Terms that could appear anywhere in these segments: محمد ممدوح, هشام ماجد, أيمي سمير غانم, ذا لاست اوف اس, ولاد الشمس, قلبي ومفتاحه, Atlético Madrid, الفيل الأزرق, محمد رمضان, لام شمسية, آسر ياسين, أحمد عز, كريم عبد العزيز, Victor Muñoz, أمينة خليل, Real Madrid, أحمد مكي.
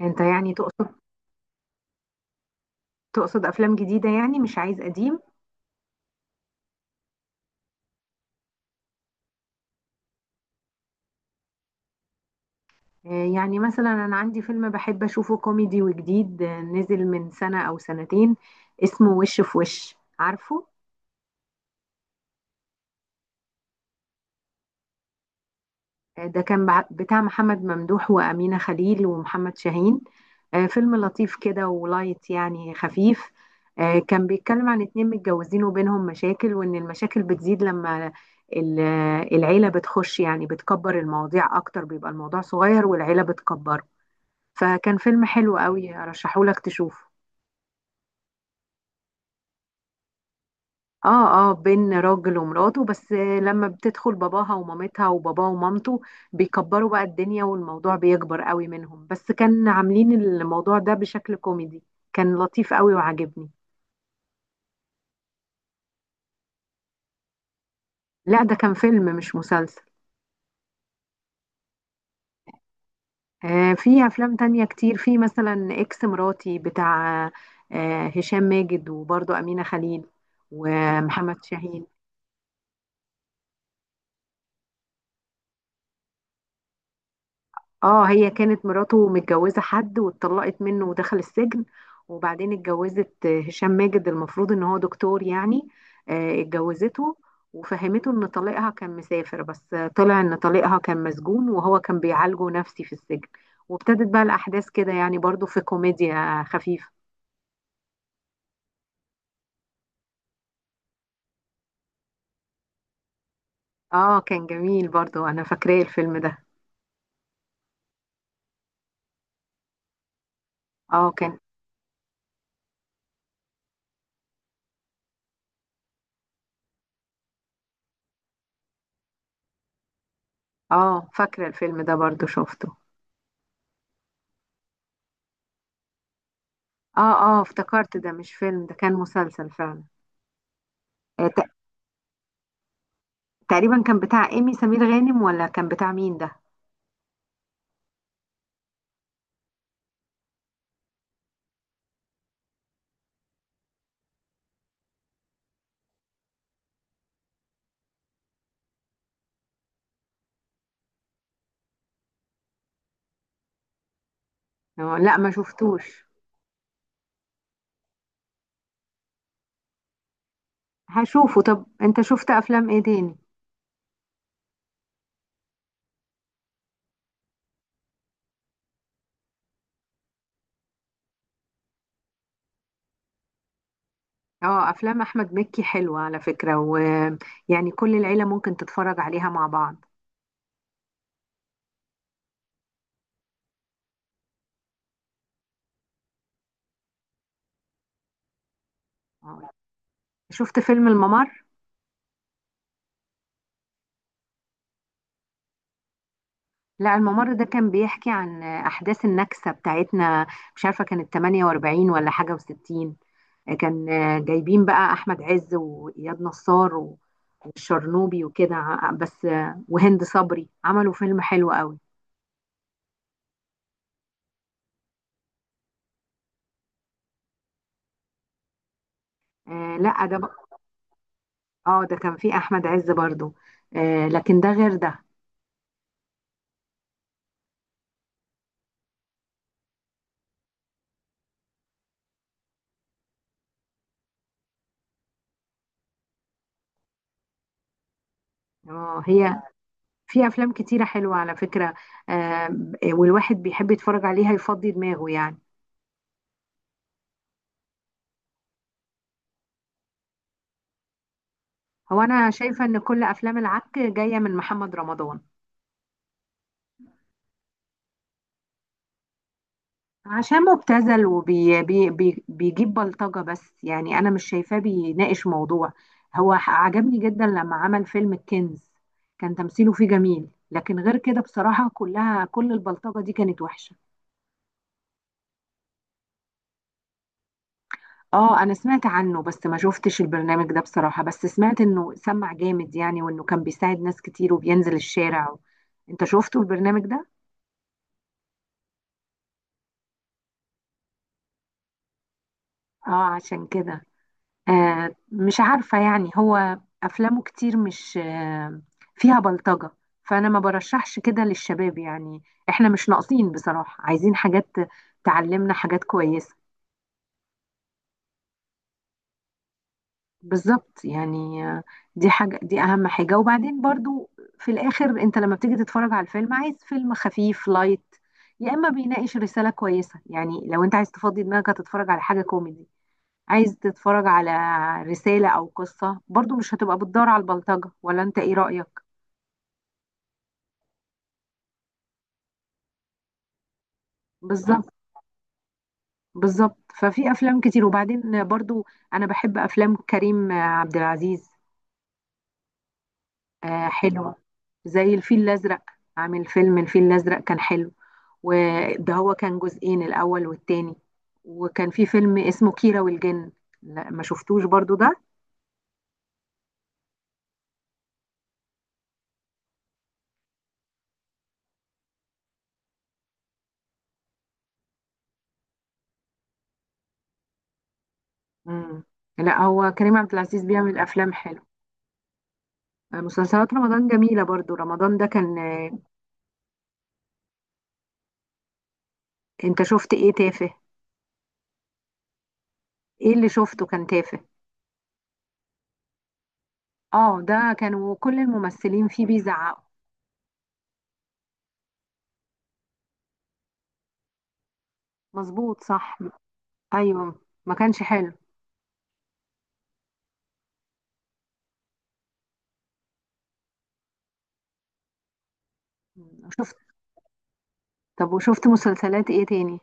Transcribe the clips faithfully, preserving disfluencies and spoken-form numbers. انت يعني تقصد. تقصد افلام جديده يعني مش عايز قديم. آه، يعني مثلا انا عندي فيلم بحب اشوفه كوميدي وجديد، آه، نزل من سنه او سنتين، اسمه وش في وش عارفه. آه، ده كان بع- بتاع محمد ممدوح وامينه خليل ومحمد شاهين. آه، فيلم لطيف كده ولايت يعني خفيف. آه، كان بيتكلم عن اتنين متجوزين وبينهم مشاكل، وان المشاكل بتزيد لما ال- العيله بتخش، يعني بتكبر المواضيع اكتر، بيبقى الموضوع صغير والعيله بتكبره. فكان فيلم حلو قوي، ارشحهولك تشوفه. اه اه، بين راجل ومراته بس، لما بتدخل باباها ومامتها وباباه ومامته بيكبروا بقى الدنيا، والموضوع بيكبر قوي منهم، بس كان عاملين الموضوع ده بشكل كوميدي. كان لطيف قوي وعجبني. لا، ده كان فيلم مش مسلسل. آه، في افلام تانية كتير، في مثلا اكس مراتي، بتاع آه هشام ماجد وبرضه أمينة خليل ومحمد شاهين. اه، هي كانت مراته متجوزة حد واتطلقت منه ودخل السجن، وبعدين اتجوزت هشام ماجد، المفروض ان هو دكتور يعني. آه، اتجوزته وفهمته ان طليقها كان مسافر بس، طلع ان طليقها كان مسجون وهو كان بيعالجه نفسي في السجن. وابتدت بقى الاحداث كده، يعني برضو في كوميديا خفيفة. اه كان جميل برضو، انا فاكراه الفيلم ده. اه كان. اه فاكرة الفيلم ده، برضو شفته. اه اه افتكرت، ده مش فيلم، ده كان مسلسل فعلا. آه، تقريبا كان بتاع ايمي سمير غانم ولا كان بتاع مين ده؟ آه، لا، ما شفتوش. هشوفه. طب انت شفت افلام ايه تاني؟ اه، افلام احمد مكي حلوة على فكرة، ويعني كل العيلة ممكن تتفرج عليها مع بعض. آه. شفت فيلم الممر؟ لا، الممر ده كان بيحكي عن احداث النكسة بتاعتنا، مش عارفة كانت تمنية واربعين ولا حاجة و60. كان آه، جايبين بقى احمد عز واياد نصار و- والشرنوبي وكده، ع- بس آه، وهند صبري، عملوا فيلم حلو قوي. آه لا، ده بقى. اه، ده كان فيه احمد عز برضو. آه، لكن ده غير ده. اه، هي في افلام كتيره حلوه على فكره. آه. والواحد بيحب يتفرج عليها يفضي دماغه يعني. هو انا شايفه ان كل افلام العك جايه من محمد رمضان. عشان مبتذل، وبيجيب وبي بي بي بيجيب بلطجه بس، يعني انا مش شايفاه بيناقش موضوع. هو ح- عجبني جدا لما عمل فيلم الكنز، كان تمثيله فيه جميل، لكن غير كده بصراحه كلها، كل البلطجه دي كانت وحشه. اه، انا سمعت عنه بس ما شفتش البرنامج ده بصراحة، بس سمعت انه سمع جامد يعني، وانه كان بيساعد ناس كتير وبينزل الشارع. انت شفته البرنامج ده؟ اه عشان كده. آه، مش عارفة، يعني هو افلامه كتير مش آه فيها بلطجة، فانا ما برشحش كده للشباب يعني. احنا مش ناقصين بصراحة، عايزين حاجات تعلمنا حاجات كويسة. بالظبط يعني، دي حاجة، دي أهم حاجة. وبعدين برضو، في الآخر أنت لما بتيجي تتفرج على الفيلم عايز فيلم خفيف لايت، يا إما بيناقش رسالة كويسة. يعني لو أنت عايز تفضي دماغك هتتفرج على حاجة كوميدي، عايز تتفرج على رسالة أو قصة، برضو مش هتبقى بتدور على البلطجة، ولا أنت إيه رأيك؟ بالظبط. بالظبط، ففي أفلام كتير. وبعدين برضو أنا بحب أفلام كريم عبد العزيز، آه، حلوة. زي الفيل الأزرق، عامل فيلم الفيل الأزرق، كان حلو، وده هو كان جزئين، الأول والتاني. وكان في فيلم اسمه كيرة والجن. لا، ما شفتوش برضو ده. مم. لا، هو كريم عبد العزيز بيعمل أفلام حلو. مسلسلات رمضان جميلة برضو، رمضان ده كان. انت شفت ايه تافه؟ ايه اللي شفته كان تافه؟ اه، ده كانوا كل الممثلين فيه بيزعقوا. مظبوط، صح. ايوه، ما كانش حلو. مم. شفت. طب وشفت مسلسلات ايه تاني؟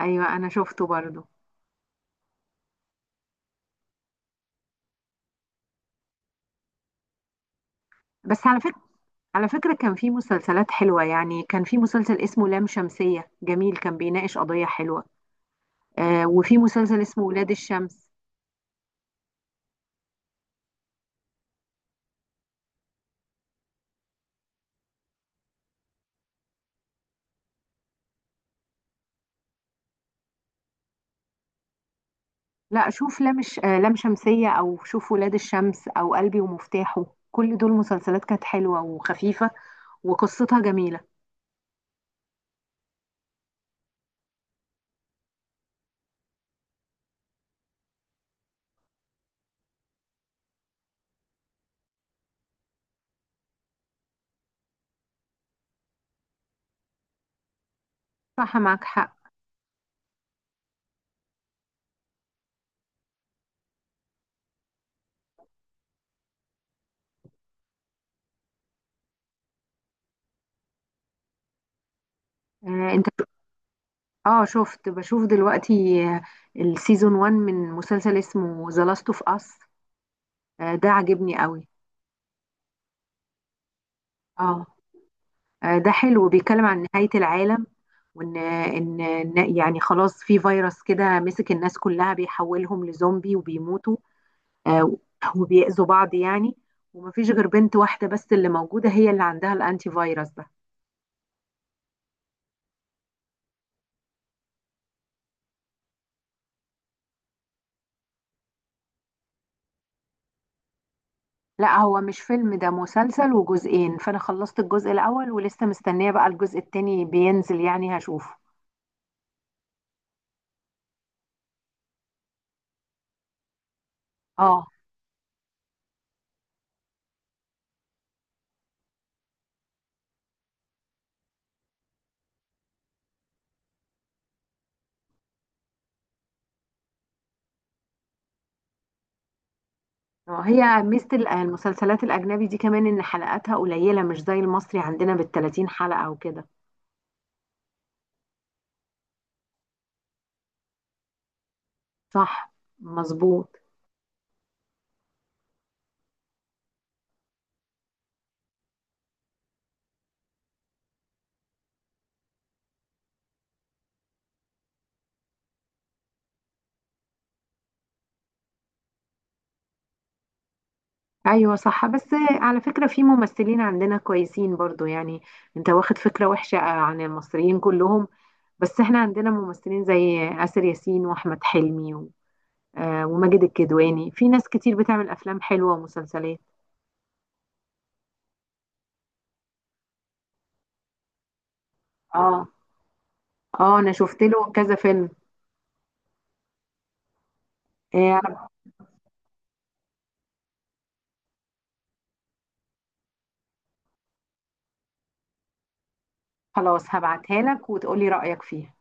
ايوه، انا شفته برضو. بس على فكرة، على فكرة، كان في مسلسلات حلوة، يعني كان في مسلسل اسمه لام شمسية جميل، كان بيناقش قضية حلوة. آه، وفي مسلسل اسمه ولاد الشمس. لا، شوف لام الش- آه لام شمسية، أو شوف ولاد الشمس، أو قلبي ومفتاحه. كل دول مسلسلات كانت حلوة وخفيفة، وقصتها جميلة. صح، معك حق. آه انت. اه، شفت بشوف دلوقتي آه السيزون الأول من مسلسل اسمه ذا لاست اوف اس، ده عجبني قوي. اه، آه، ده حلو، بيتكلم عن نهاية العالم، وان ان إن يعني خلاص في فيروس كده مسك الناس كلها، بيحولهم لزومبي وبيموتوا، آه، وبيأذوا بعض يعني. ومفيش غير بنت واحدة بس اللي موجودة، هي اللي عندها الانتي فيروس ده. لا، هو مش فيلم، ده مسلسل وجزئين، فانا خلصت الجزء الاول ولسه مستنية بقى الجزء التاني بينزل يعني هشوفه. اه. آه، هي ميزة ال- المسلسلات الأجنبي دي كمان، إن حلقاتها قليلة مش زي المصري عندنا بالتلاتين حلقة وكده. صح. مظبوط. ايوه صح، بس على فكرة في ممثلين عندنا كويسين برضو يعني. انت واخد فكرة وحشة عن المصريين كلهم، بس احنا عندنا ممثلين زي آسر ياسين واحمد حلمي و- آه، وماجد الكدواني. في ناس كتير بتعمل افلام حلوة ومسلسلات. اه اه، انا شفت له كذا فيلم. آه، انا خلاص هبعتها لك وتقولي رأيك فيها.